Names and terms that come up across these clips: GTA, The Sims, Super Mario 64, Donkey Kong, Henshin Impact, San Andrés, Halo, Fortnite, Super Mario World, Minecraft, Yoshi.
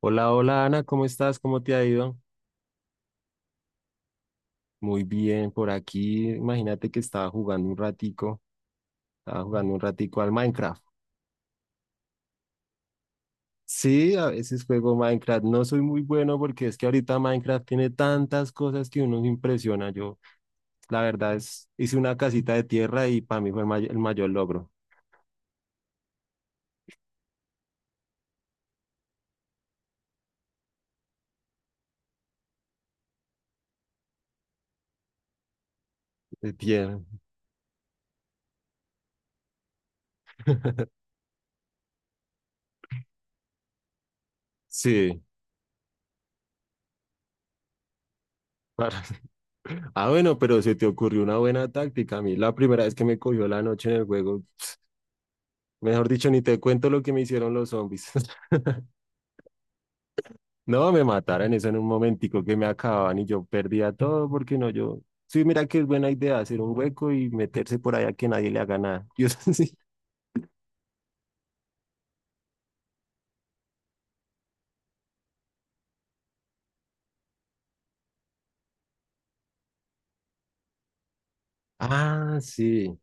Hola, hola Ana, ¿cómo estás? ¿Cómo te ha ido? Muy bien, por aquí imagínate que estaba jugando un ratico al Minecraft. Sí, a veces juego Minecraft, no soy muy bueno porque es que ahorita Minecraft tiene tantas cosas que uno se impresiona. Yo, la verdad es, hice una casita de tierra y para mí fue el mayor logro de tierra. Sí. para- Ah, bueno, pero se te ocurrió una buena táctica. A mí la primera vez que me cogió la noche en el juego, mejor dicho, ni te cuento lo que me hicieron los zombies. No, me mataran eso en un momentico que me acababan y yo perdía todo porque no yo. Sí, mira que es buena idea hacer un hueco y meterse por allá que nadie le haga nada. Yo sí. Ah, sí,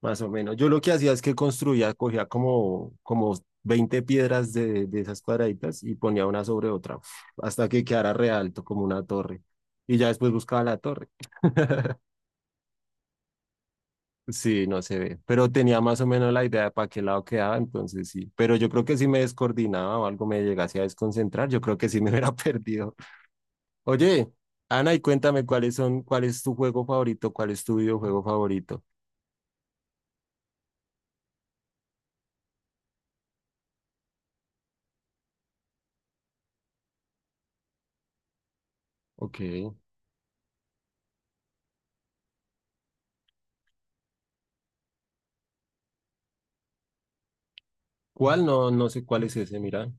más o menos. Yo lo que hacía es que construía, cogía como 20 piedras de esas cuadraditas y ponía una sobre otra, uf, hasta que quedara re alto como una torre. Y ya después buscaba la torre. Sí, no se ve, pero tenía más o menos la idea de para qué lado quedaba, entonces sí, pero yo creo que si me descoordinaba o algo me llegase a desconcentrar, yo creo que sí me hubiera perdido. Oye, Ana, y cuéntame cuáles son, cuál es tu juego favorito, cuál es tu videojuego favorito. Ok. ¿Cuál? No, no sé cuál es ese, mira.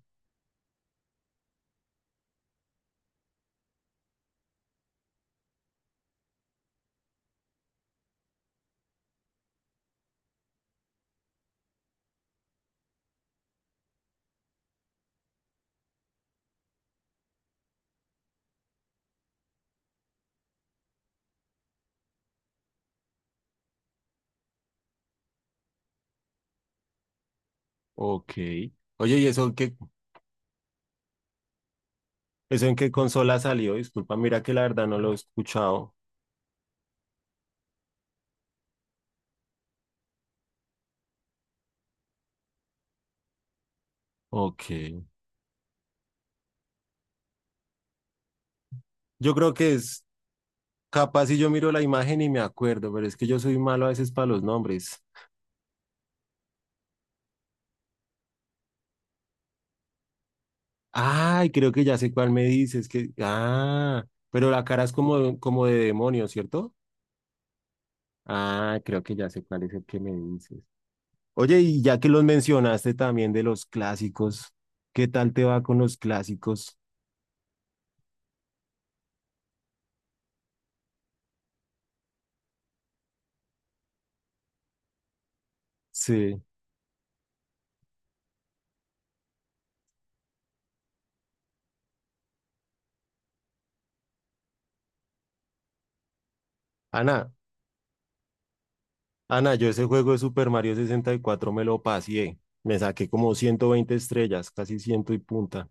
Ok. Oye, ¿y eso en qué consola salió? Disculpa, mira que la verdad no lo he escuchado. Ok. Yo creo que es capaz si yo miro la imagen y me acuerdo, pero es que yo soy malo a veces para los nombres. Ay, creo que ya sé cuál me dices, que, pero la cara es como de demonio, ¿cierto? Ah, creo que ya sé cuál es el que me dices. Oye, y ya que los mencionaste también de los clásicos, ¿qué tal te va con los clásicos? Sí. Ana, Ana, yo ese juego de Super Mario 64 me lo pasé. Me saqué como 120 estrellas, casi ciento y punta.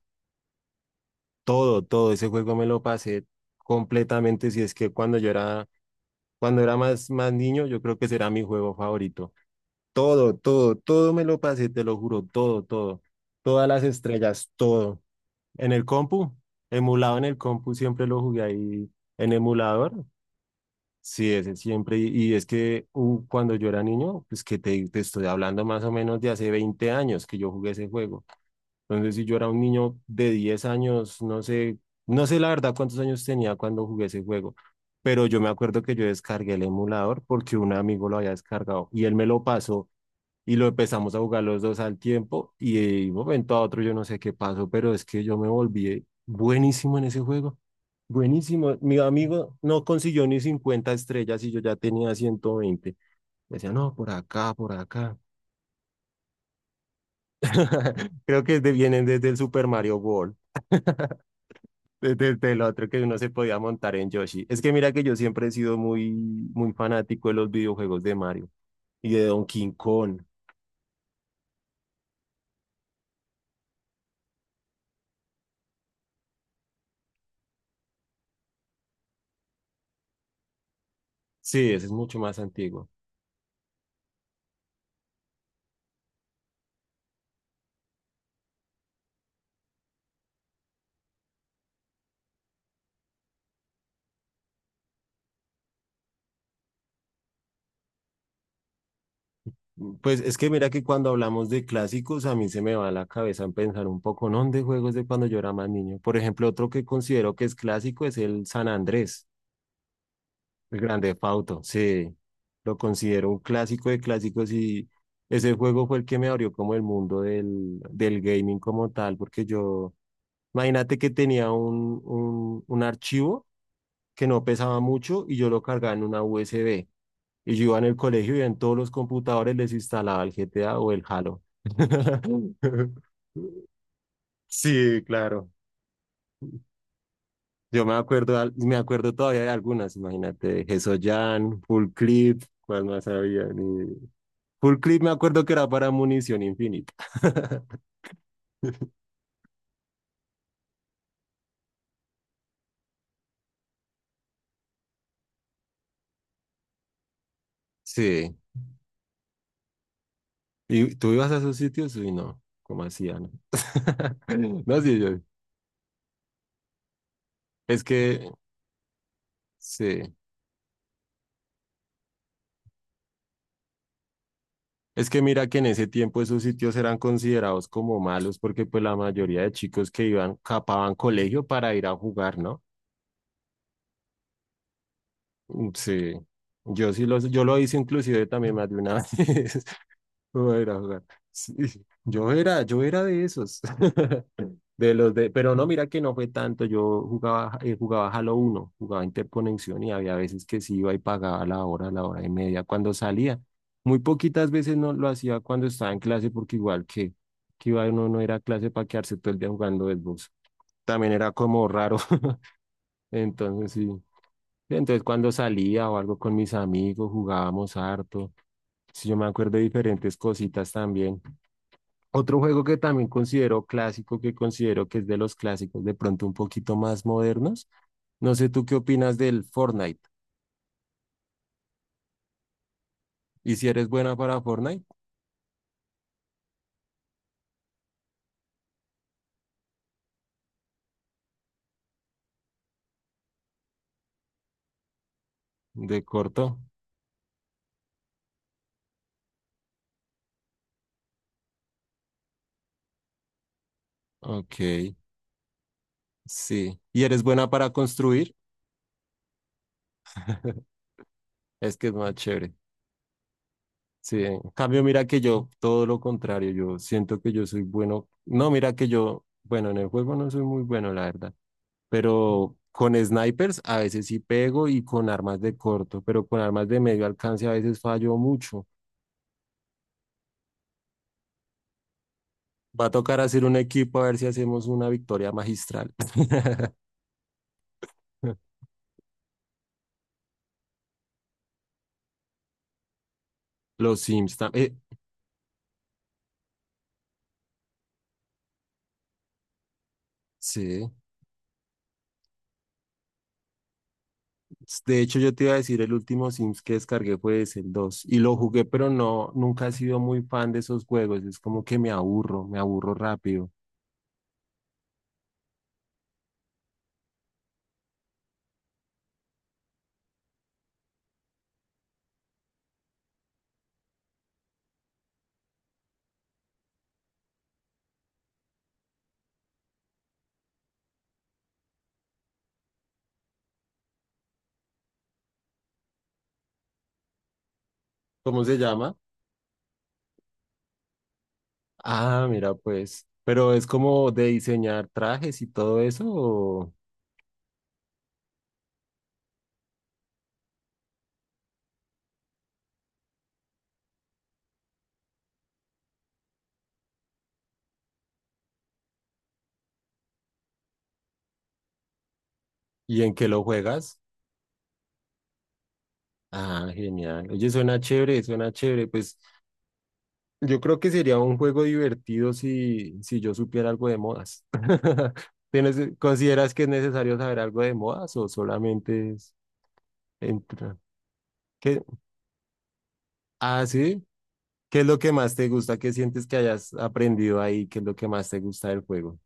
Todo, todo ese juego me lo pasé completamente. Si es que cuando era más niño, yo creo que será mi juego favorito. Todo, todo, todo me lo pasé, te lo juro, todo, todo. Todas las estrellas, todo. En el compu, emulado en el compu, siempre lo jugué ahí en emulador. Sí, ese siempre. Y es que cuando yo era niño, pues que te estoy hablando más o menos de hace 20 años que yo jugué ese juego. Entonces, si yo era un niño de 10 años, no sé la verdad cuántos años tenía cuando jugué ese juego. Pero yo me acuerdo que yo descargué el emulador porque un amigo lo había descargado y él me lo pasó y lo empezamos a jugar los dos al tiempo y de un momento a otro yo no sé qué pasó, pero es que yo me volví buenísimo en ese juego. Buenísimo. Mi amigo no consiguió ni 50 estrellas y yo ya tenía 120 estrellas. Me decía, no, por acá, por acá. Creo que vienen desde el Super Mario World, desde el otro que uno se podía montar en Yoshi. Es que mira que yo siempre he sido muy, muy fanático de los videojuegos de Mario y de Donkey Kong. Sí, ese es mucho más antiguo. Pues es que mira que cuando hablamos de clásicos, a mí se me va a la cabeza en pensar un poco, ¿no? De juegos de cuando yo era más niño. Por ejemplo, otro que considero que es clásico es el San Andrés, el Grande Fauto. Sí, lo considero un clásico de clásicos y ese juego fue el que me abrió como el mundo del gaming como tal, porque yo, imagínate que tenía un archivo que no pesaba mucho y yo lo cargaba en una USB. Y yo iba en el colegio y en todos los computadores les instalaba el GTA o el Halo. Sí, claro. Yo me acuerdo, me acuerdo todavía de algunas, imagínate, Jan, Full Clip, cuál más había. Ni. Full Clip me acuerdo que era para munición infinita. Sí. ¿Y tú ibas a esos sitios? Uy, no, ¿cómo hacían? No, sí, yo. Es que, sí. Es que mira que en ese tiempo esos sitios eran considerados como malos porque pues la mayoría de chicos que iban capaban colegio para ir a jugar, ¿no? Mm, sí, yo lo hice inclusive también más de una vez. Voy a ir a jugar. Sí, yo era de esos. De los de, pero no, mira que no fue tanto. Yo jugaba Halo uno jugaba interconexión y había veces que sí iba y pagaba la hora y media cuando salía. Muy poquitas veces no lo hacía cuando estaba en clase, porque igual que iba uno no era clase para quedarse todo el día jugando Xbox. También era como raro. Entonces sí. Entonces cuando salía o algo con mis amigos, jugábamos harto. Sí, yo me acuerdo de diferentes cositas también. Otro juego que también considero clásico, que considero que es de los clásicos, de pronto un poquito más modernos. No sé tú qué opinas del Fortnite. ¿Y si eres buena para Fortnite? De corto. Ok, sí. ¿Y eres buena para construir? Es que es más chévere. Sí, en cambio, mira que yo, todo lo contrario, yo siento que yo soy bueno. No, mira que yo, bueno, en el juego no soy muy bueno, la verdad. Pero con snipers a veces sí pego y con armas de corto, pero con armas de medio alcance a veces fallo mucho. Va a tocar hacer un equipo a ver si hacemos una victoria magistral. Los Sims también. Sí. De hecho, yo te iba a decir, el último Sims que descargué fue ese, el dos. Y lo jugué, pero no, nunca he sido muy fan de esos juegos. Es como que me aburro rápido. ¿Cómo se llama? Ah, mira, pues. Pero es como de diseñar trajes y todo eso. ¿Y en qué lo juegas? Ah, genial. Oye, suena chévere, suena chévere. Pues yo creo que sería un juego divertido si yo supiera algo de modas. ¿Consideras que es necesario saber algo de modas o solamente es entrar? ¿Qué? Ah, sí. ¿Qué es lo que más te gusta? ¿Qué sientes que hayas aprendido ahí? ¿Qué es lo que más te gusta del juego?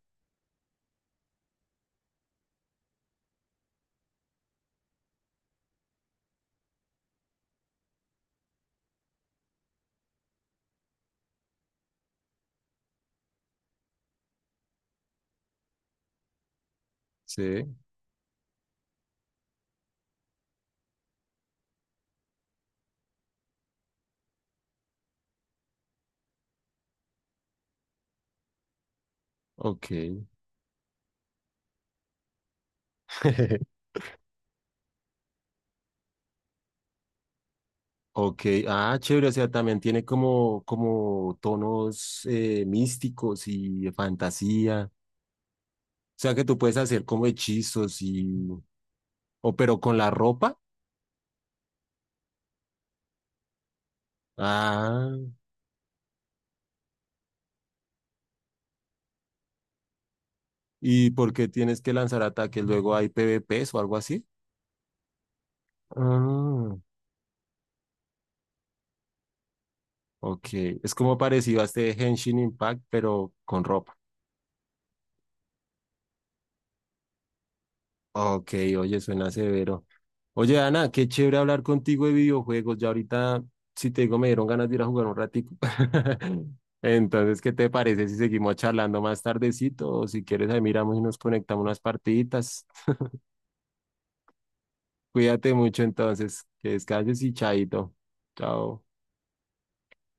Sí, ok. Ok, chévere, o sea, también tiene como tonos místicos y de fantasía. O sea que tú puedes hacer como hechizos y. O pero con la ropa. Ah, ¿y por qué tienes que lanzar ataques? Luego hay PvPs o algo así. Ah, ok. Es como parecido a este Henshin Impact, pero con ropa. Ok, oye, suena severo. Oye, Ana, qué chévere hablar contigo de videojuegos. Ya ahorita, si te digo, me dieron ganas de ir a jugar un ratico. Entonces, ¿qué te parece si seguimos charlando más tardecito? O si quieres, ahí miramos y nos conectamos unas partiditas. Cuídate mucho entonces, que descanses y chaito. Chao.